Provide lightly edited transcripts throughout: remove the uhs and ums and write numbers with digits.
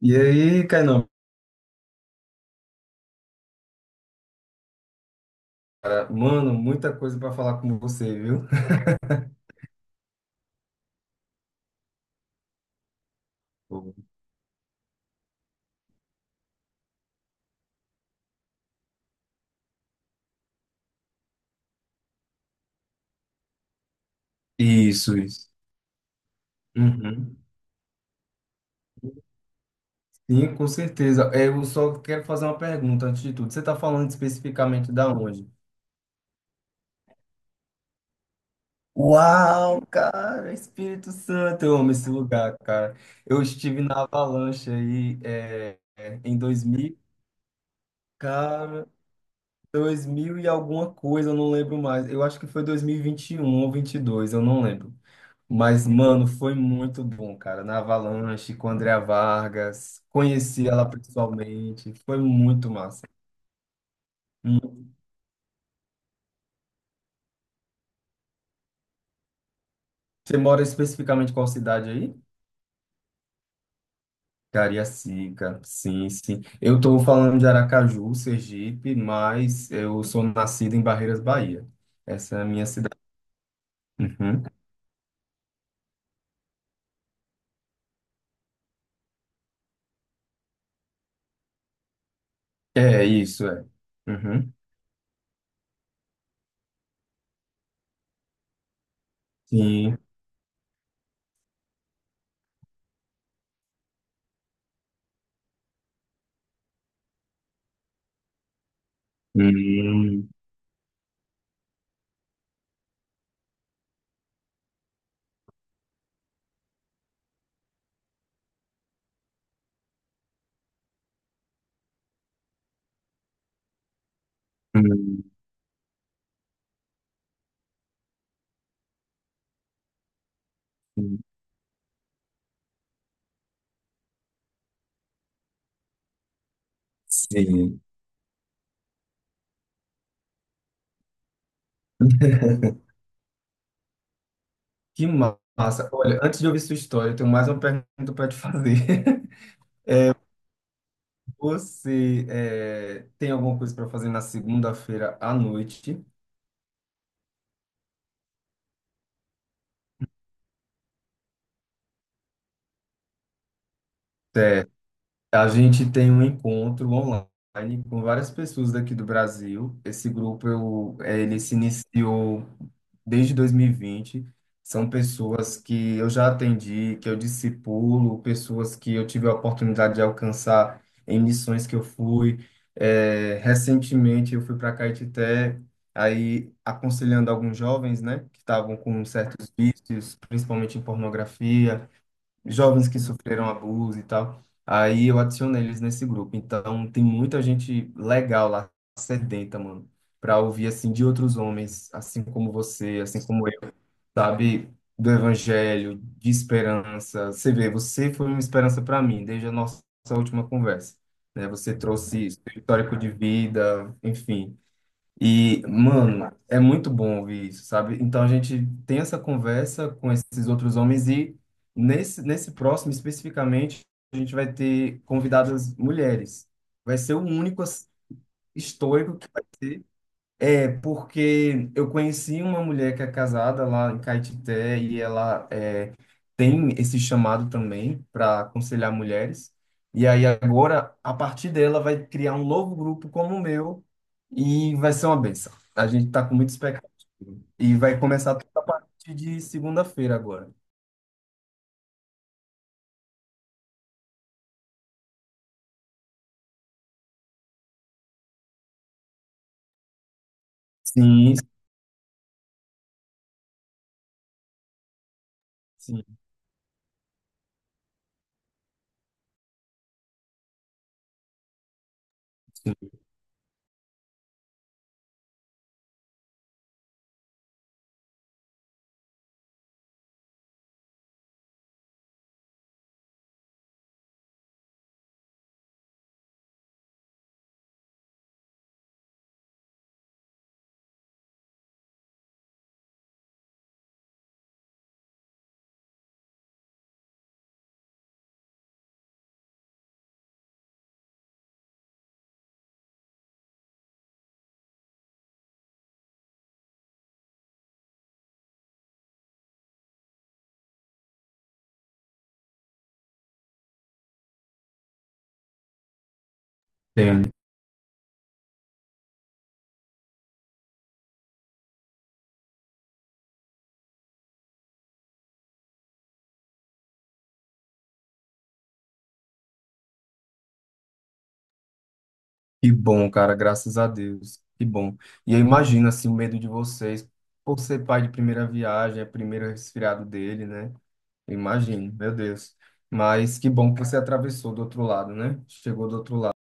E aí, Kainan, cara, mano, muita coisa para falar com você, viu? Pô. Isso, isso. Uhum. Sim, com certeza. Eu só quero fazer uma pergunta antes de tudo. Você está falando especificamente da onde? Uau, cara, Espírito Santo, eu amo esse lugar, cara. Eu estive na Avalanche aí em 2000, cara, 2000 e alguma coisa, eu não lembro mais. Eu acho que foi 2021 ou 22, eu não lembro. Mas, mano, foi muito bom, cara. Na Avalanche, com a Andrea Vargas, conheci ela pessoalmente, foi muito massa. Muito. Você mora especificamente em qual cidade aí? Cariacica, sim, sim. Eu tô falando de Aracaju, Sergipe, mas eu sou nascido em Barreiras, Bahia. Essa é a minha cidade. Uhum. É, isso é. Uhum. Sim. Hum, hum, hum. Sim. Que massa. Olha, antes de ouvir sua história, eu tenho mais uma pergunta para te fazer. É, você tem alguma coisa para fazer na segunda-feira à noite? É, A gente tem um encontro online com várias pessoas daqui do Brasil. Esse grupo ele se iniciou desde 2020. São pessoas que eu já atendi, que eu discipulo, pessoas que eu tive a oportunidade de alcançar em missões que eu fui. Recentemente eu fui para Caetité, aí aconselhando alguns jovens, né, que estavam com certos vícios, principalmente em pornografia, jovens que sofreram abuso e tal. Aí eu adicionei eles nesse grupo. Então tem muita gente legal lá, sedenta, mano, pra ouvir assim de outros homens, assim como você, assim como eu, sabe? Do evangelho, de esperança. Você vê, você foi uma esperança pra mim desde a nossa última conversa, né? Você trouxe seu histórico de vida, enfim. E, mano, é muito bom ouvir isso, sabe? Então a gente tem essa conversa com esses outros homens e nesse, próximo especificamente a gente vai ter convidadas mulheres. Vai ser o único assim, histórico que vai ter. É, porque eu conheci uma mulher que é casada lá em Caetité e ela é, tem esse chamado também para aconselhar mulheres. E aí agora, a partir dela, vai criar um novo grupo como o meu e vai ser uma benção. A gente está com muita expectativa. E vai começar tudo a partir de segunda-feira agora. Sim, sim, sim. Que bom, cara, graças a Deus. Que bom. E eu imagino assim o medo de vocês por ser pai de primeira viagem, é o primeiro resfriado dele, né? Eu imagino, meu Deus. Mas que bom que você atravessou do outro lado, né? Chegou do outro lado.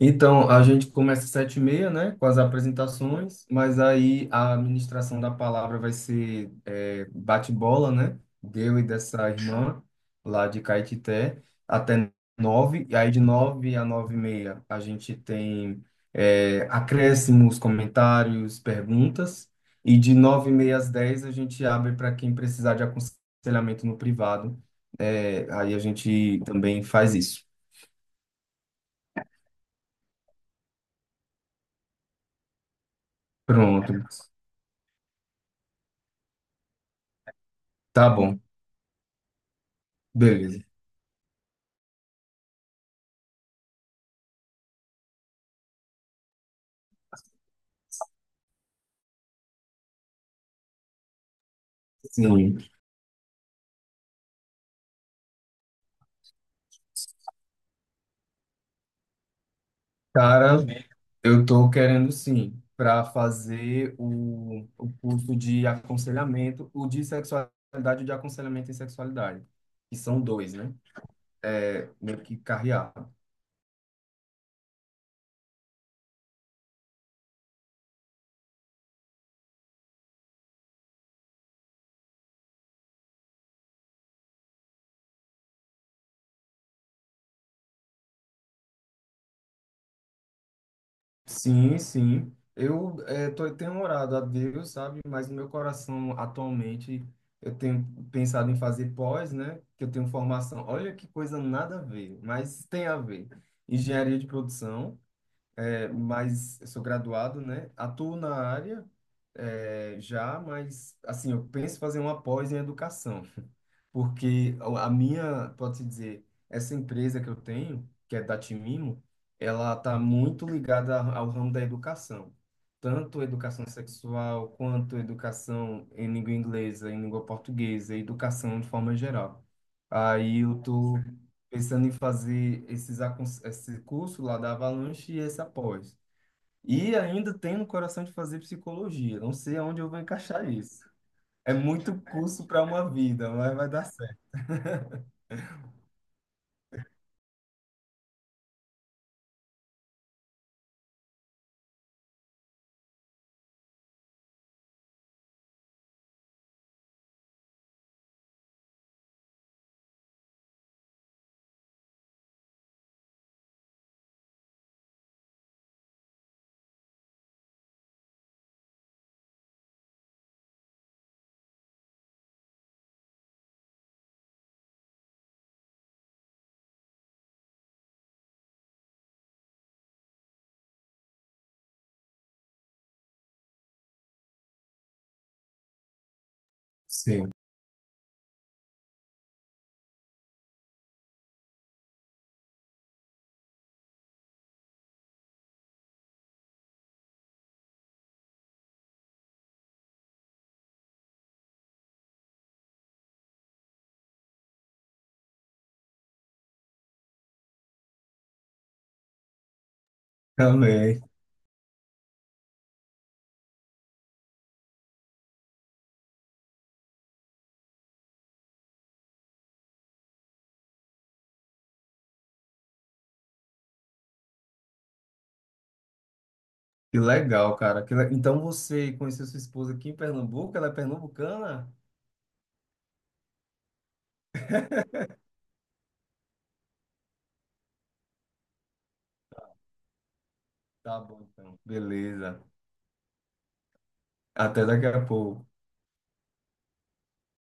Então, a gente começa às 7:30, né, com as apresentações, mas aí a administração da palavra vai ser bate-bola, né, deu e dessa irmã lá de Caetité, até 9:00, e aí de 9:00 a 9:30 a gente tem é, acréscimos, comentários, perguntas, e de 9:30 às 10:00 a gente abre para quem precisar de aconselhamento no privado, é, aí a gente também faz isso. Pronto, tá bom. Beleza. Sim. Cara, eu tô querendo sim, para fazer o curso de aconselhamento, o de sexualidade e o de aconselhamento em sexualidade, que são dois, né? É, meio que carrear. Sim, sim. Eu tenho orado a Deus, sabe? Mas no meu coração, atualmente, eu tenho pensado em fazer pós, né? Que eu tenho formação. Olha que coisa nada a ver, mas tem a ver. Engenharia de produção. É, mas eu sou graduado, né? Atuo na área, é, já, mas assim, eu penso em fazer uma pós em educação porque a minha, pode-se dizer, essa empresa que eu tenho, que é da Timimo, ela está muito ligada ao ramo da educação, tanto educação sexual quanto educação em língua inglesa, em língua portuguesa, educação de forma geral. Aí eu tô pensando em fazer esse curso lá da Avalanche e esse após. E ainda tenho no coração de fazer psicologia, não sei aonde eu vou encaixar isso. É muito curso para uma vida, mas vai dar. Sim, também. Que legal, cara. Então você conheceu sua esposa aqui em Pernambuco? Ela é pernambucana? Tá bom, então. Beleza. Até daqui a pouco.